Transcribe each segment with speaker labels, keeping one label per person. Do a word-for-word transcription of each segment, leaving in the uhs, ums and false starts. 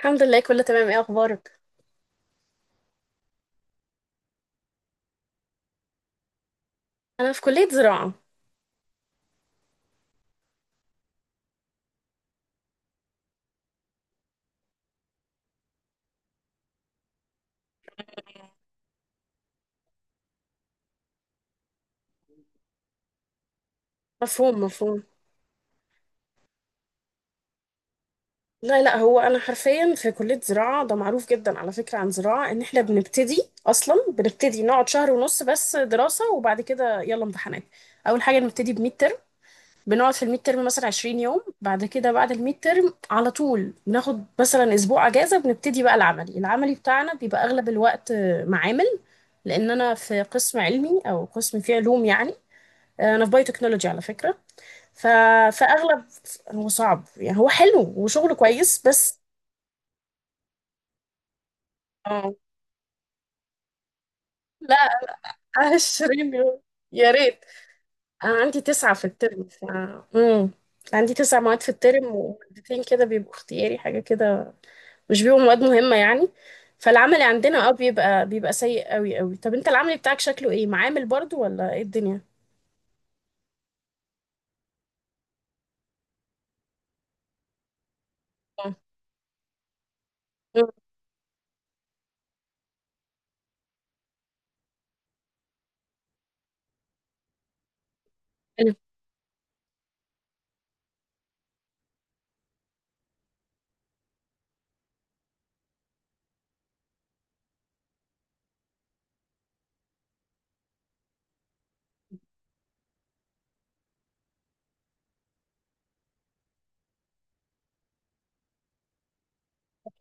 Speaker 1: الحمد لله، كله تمام. ايه اخبارك؟ انا في كليه زراعه. مفهوم مفهوم. لا لا، هو انا حرفيا في كليه زراعه ده معروف جدا على فكره. عن زراعه، ان احنا بنبتدي اصلا بنبتدي نقعد شهر ونص بس دراسه، وبعد كده يلا امتحانات. اول حاجه نبتدي بميد ترم. بنقعد في الميد ترم مثلا عشرين يوم، بعد كده بعد الميد ترم على طول بناخد مثلا اسبوع اجازه، بنبتدي بقى العملي. العملي بتاعنا بيبقى اغلب الوقت آه، معامل، لان انا في قسم علمي او قسم فيه علوم يعني. آه، انا في بايو تكنولوجي على فكره. ف... فاغلب هو صعب يعني، هو حلو وشغله كويس بس. آه. لا، عشرين يوم يا ريت. انا عندي تسعة في الترم. ف... مم. عندي تسع مواد في الترم، ومادتين كده بيبقوا اختياري حاجة كده، مش بيبقوا مواد مهمة يعني. فالعملي عندنا اه بيبقى بيبقى سيء قوي قوي. طب انت العملي بتاعك شكله ايه؟ معامل برضو ولا ايه الدنيا؟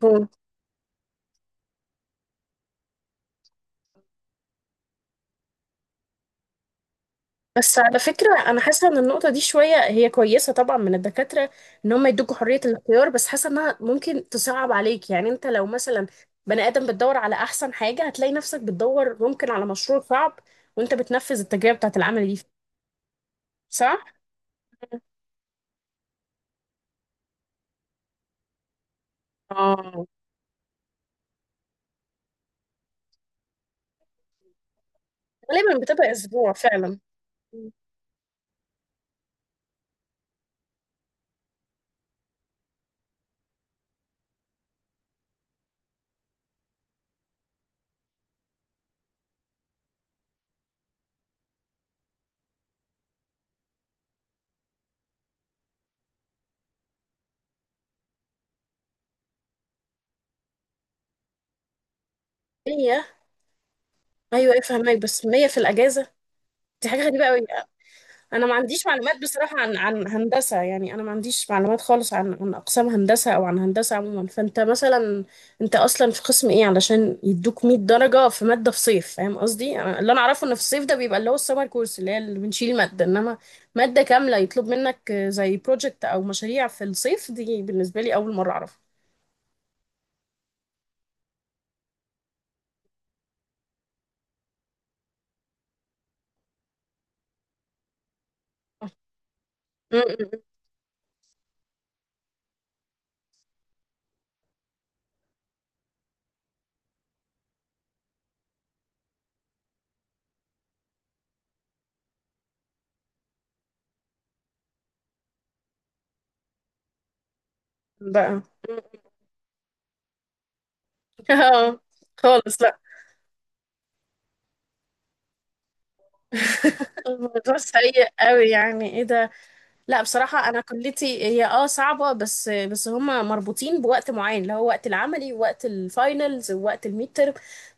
Speaker 1: مم. بس على فكرة أنا حاسة إن النقطة دي شوية هي كويسة طبعا من الدكاترة، إن هم يدوكوا حرية الاختيار، بس حاسة إنها ممكن تصعب عليك. يعني أنت لو مثلا بني آدم بتدور على أحسن حاجة، هتلاقي نفسك بتدور ممكن على مشروع صعب وأنت بتنفذ التجربة بتاعة العمل دي. صح؟ آه، غالبا بتبقى أسبوع فعلا. مية. أيوة أيوة، فهمك، بس مية في الأجازة؟ دي حاجة غريبة أوي. انا ما عنديش معلومات بصراحة عن عن هندسة. يعني انا ما عنديش معلومات خالص عن عن اقسام هندسة او عن هندسة عموما. فانت مثلا انت اصلا في قسم ايه علشان يدوك مئة درجة في مادة في صيف؟ فاهم قصدي؟ أنا- اللي انا اعرفه ان في الصيف ده بيبقى اللي هو السمر كورس، اللي هي اللي بنشيل مادة، انما مادة كاملة يطلب منك زي بروجكت او مشاريع في الصيف، دي بالنسبة لي اول مرة اعرفها. م- م- م- بقى م- آه، خالص لا. الموضوع سيء قوي، يعني ايه ده؟ لا بصراحة أنا كليتي هي اه صعبة، بس بس هما مربوطين بوقت معين، اللي هو وقت العملي ووقت الفاينلز ووقت الميد ترم.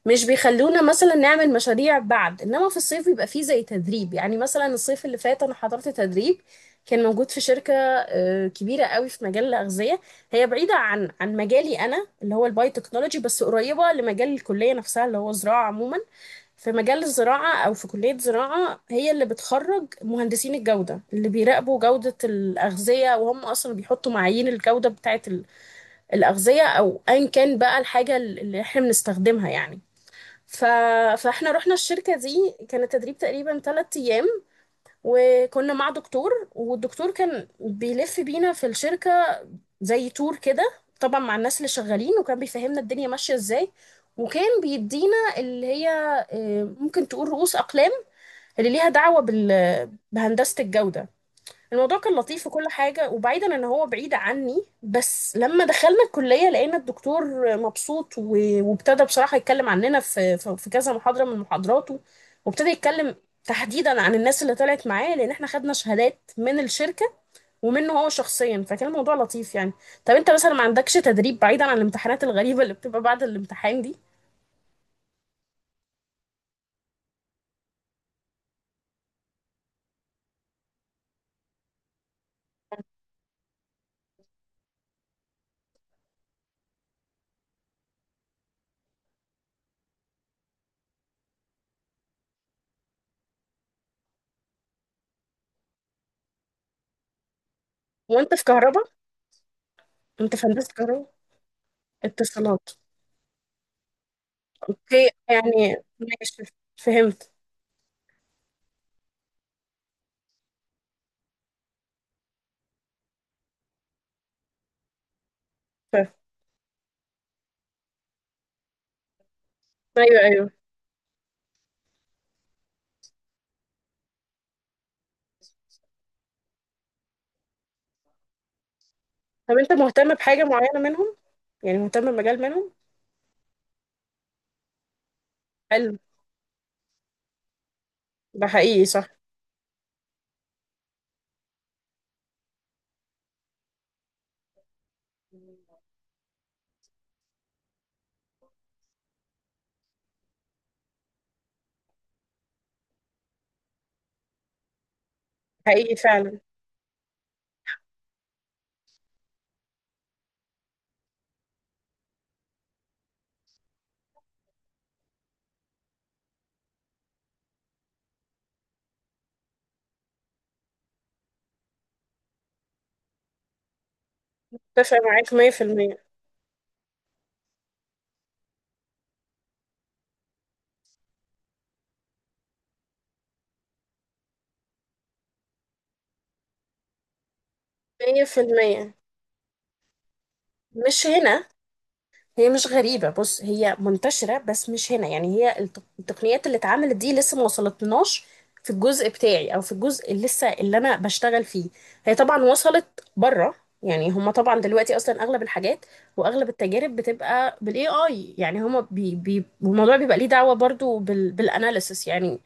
Speaker 1: مش بيخلونا مثلا نعمل مشاريع بعد، إنما في الصيف بيبقى فيه زي تدريب. يعني مثلا الصيف اللي فات أنا حضرت تدريب، كان موجود في شركة آه، كبيرة قوي في مجال الأغذية. هي بعيدة عن عن مجالي أنا اللي هو البايوتكنولوجي، بس قريبة لمجال الكلية نفسها اللي هو زراعة عموما. في مجال الزراعة أو في كلية زراعة، هي اللي بتخرج مهندسين الجودة اللي بيراقبوا جودة الأغذية، وهم أصلا بيحطوا معايير الجودة بتاعة ال- الأغذية أو أيا كان بقى الحاجة اللي إحنا بنستخدمها يعني. ف... فإحنا رحنا الشركة دي، كان التدريب تقريبا ثلاثة أيام، وكنا مع دكتور، والدكتور كان بيلف بينا في الشركة زي تور كده، طبعا مع الناس اللي شغالين، وكان بيفهمنا الدنيا ماشية إزاي، وكان بيدينا اللي هي آه، ممكن تقول رؤوس أقلام اللي ليها دعوة بال... بهندسة الجودة. الموضوع كان لطيف وكل حاجة، وبعيدا ان هو بعيد عني، بس لما دخلنا الكلية لقينا الدكتور مبسوط، و- وابتدى بصراحة يتكلم عننا في في في كذا محاضرة من محاضراته، وابتدى يتكلم تحديدا عن الناس اللي طلعت معاه، لان احنا خدنا شهادات من الشركة، ومنه هو شخصيا، فكان الموضوع لطيف يعني. طب انت مثلا ما عندكش تدريب بعيدا عن الامتحانات الغريبة اللي بتبقى بعد الامتحان دي؟ وانت في كهرباء؟ انت في هندسة كهرباء اتصالات؟ هي يعني ماشي. فهمت فهمت. ايوه ايوه. طب انت مهتم بحاجه معينه منهم؟ يعني مهتم بمجال منهم؟ حلو. ده حقيقي صح. حقيقي فعلا، اتفق معاك مية في المية. مية في المية. مش هنا. هي مش غريبة، بص، هي منتشرة بس مش هنا. يعني هي التق- التقنيات اللي اتعملت دي لسه ما وصلتناش في الجزء بتاعي، او في الجزء اللي لسه اللي انا بشتغل فيه. هي طبعا وصلت بره. يعني هما طبعا دلوقتي اصلا اغلب الحاجات واغلب التجارب بتبقى بالاي اي، يعني هما بي بي، والموضوع بيبقى ليه دعوة برضو بال بالاناليسس يعني.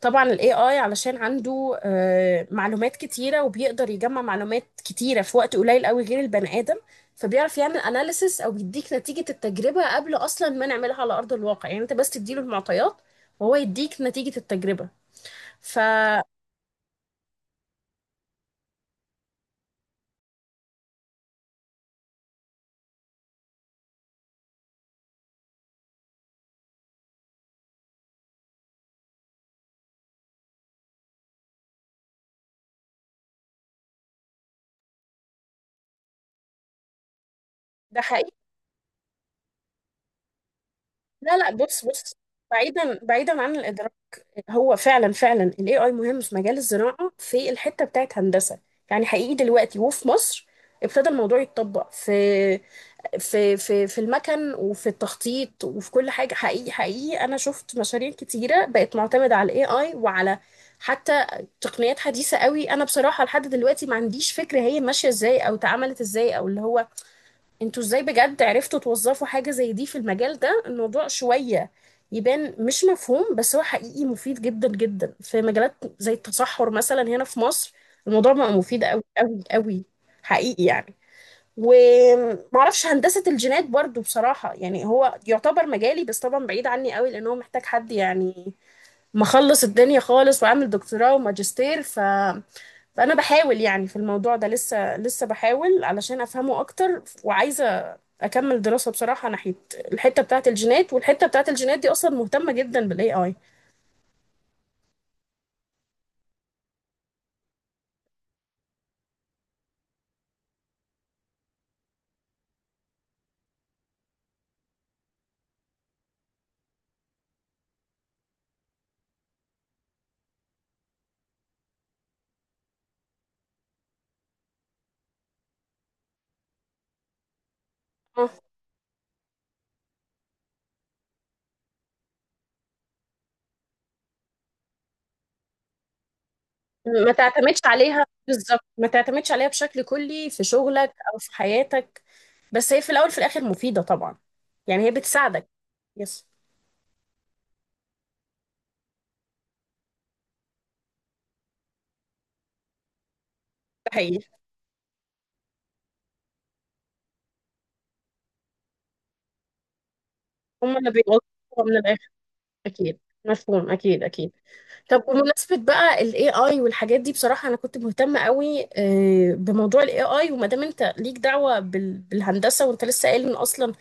Speaker 1: طبعا الاي اي علشان عنده آه، معلومات كتيرة، وبيقدر يجمع معلومات كتيرة في وقت قليل قوي غير البني ادم، فبيعرف يعمل اناليسس، او بيديك نتيجة التجربة قبل اصلا ما نعملها على ارض الواقع. يعني انت بس تديله المعطيات وهو يديك نتيجة التجربة. فده حقيقي. لا لا، بص بص، بعيدا بعيدا عن الادراك، هو فعلا فعلا الاي اي مهم في مجال الزراعة في الحتة بتاعت هندسة. يعني حقيقي دلوقتي وفي مصر ابتدى الموضوع يتطبق في في في في المكن وفي التخطيط وفي كل حاجة. حقيقي حقيقي أنا شفت مشاريع كتيرة بقت معتمدة على ال A I، وعلى حتى تقنيات حديثة قوي. أنا بصراحة لحد دلوقتي ما عنديش فكرة هي ماشية إزاي أو اتعملت إزاي، أو اللي هو أنتوا إزاي بجد عرفتوا توظفوا حاجة زي دي في المجال ده. الموضوع شوية يبان مش مفهوم، بس هو حقيقي مفيد جدا جدا في مجالات زي التصحر مثلا هنا في مصر، الموضوع بقى مفيد قوي قوي قوي. حقيقي يعني. ومعرفش هندسة الجينات برضو بصراحة، يعني هو يعتبر مجالي بس طبعا بعيد عني قوي، لأن هو محتاج حد يعني مخلص الدنيا خالص وعامل دكتوراه وماجستير. ف... فأنا بحاول يعني في الموضوع ده، لسه لسه بحاول علشان أفهمه أكتر، وعايزة أكمل دراسة بصراحة ناحية الحتة بتاعة الجينات، والحتة بتاعة الجينات دي أصلا مهتمة جدا بال إي آي. اه، ما تعتمدش عليها بالظبط، ما تعتمدش عليها بشكل كلي في شغلك او في حياتك. بس هي في الاول في الاخر مفيده طبعا، يعني هي بتساعدك. يس. ده حقيقي. هم اللي بيوصلوها من الاخر. اكيد مفهوم اكيد اكيد. طب بمناسبه بقى الاي اي والحاجات دي، بصراحه انا كنت مهتمه قوي آه، بموضوع الاي اي، وما دام انت ليك دعوه بال- بالهندسه، وانت لسه قايل ان اصلا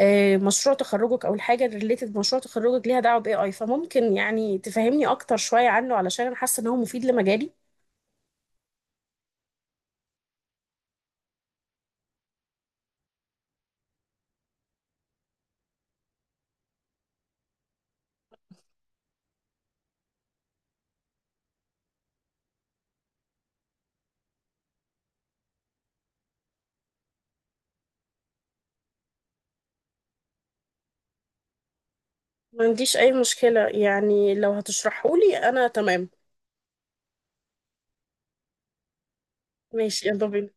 Speaker 1: آه، مشروع تخرجك او الحاجه ريليتد مشروع تخرجك ليها دعوه باي اي، فممكن يعني تفهمني اكتر شويه عنه علشان انا حاسه ان هو مفيد لمجالي. ما عنديش اي مشكله، يعني لو هتشرحه لي انا تمام. ماشي، يلا بينا.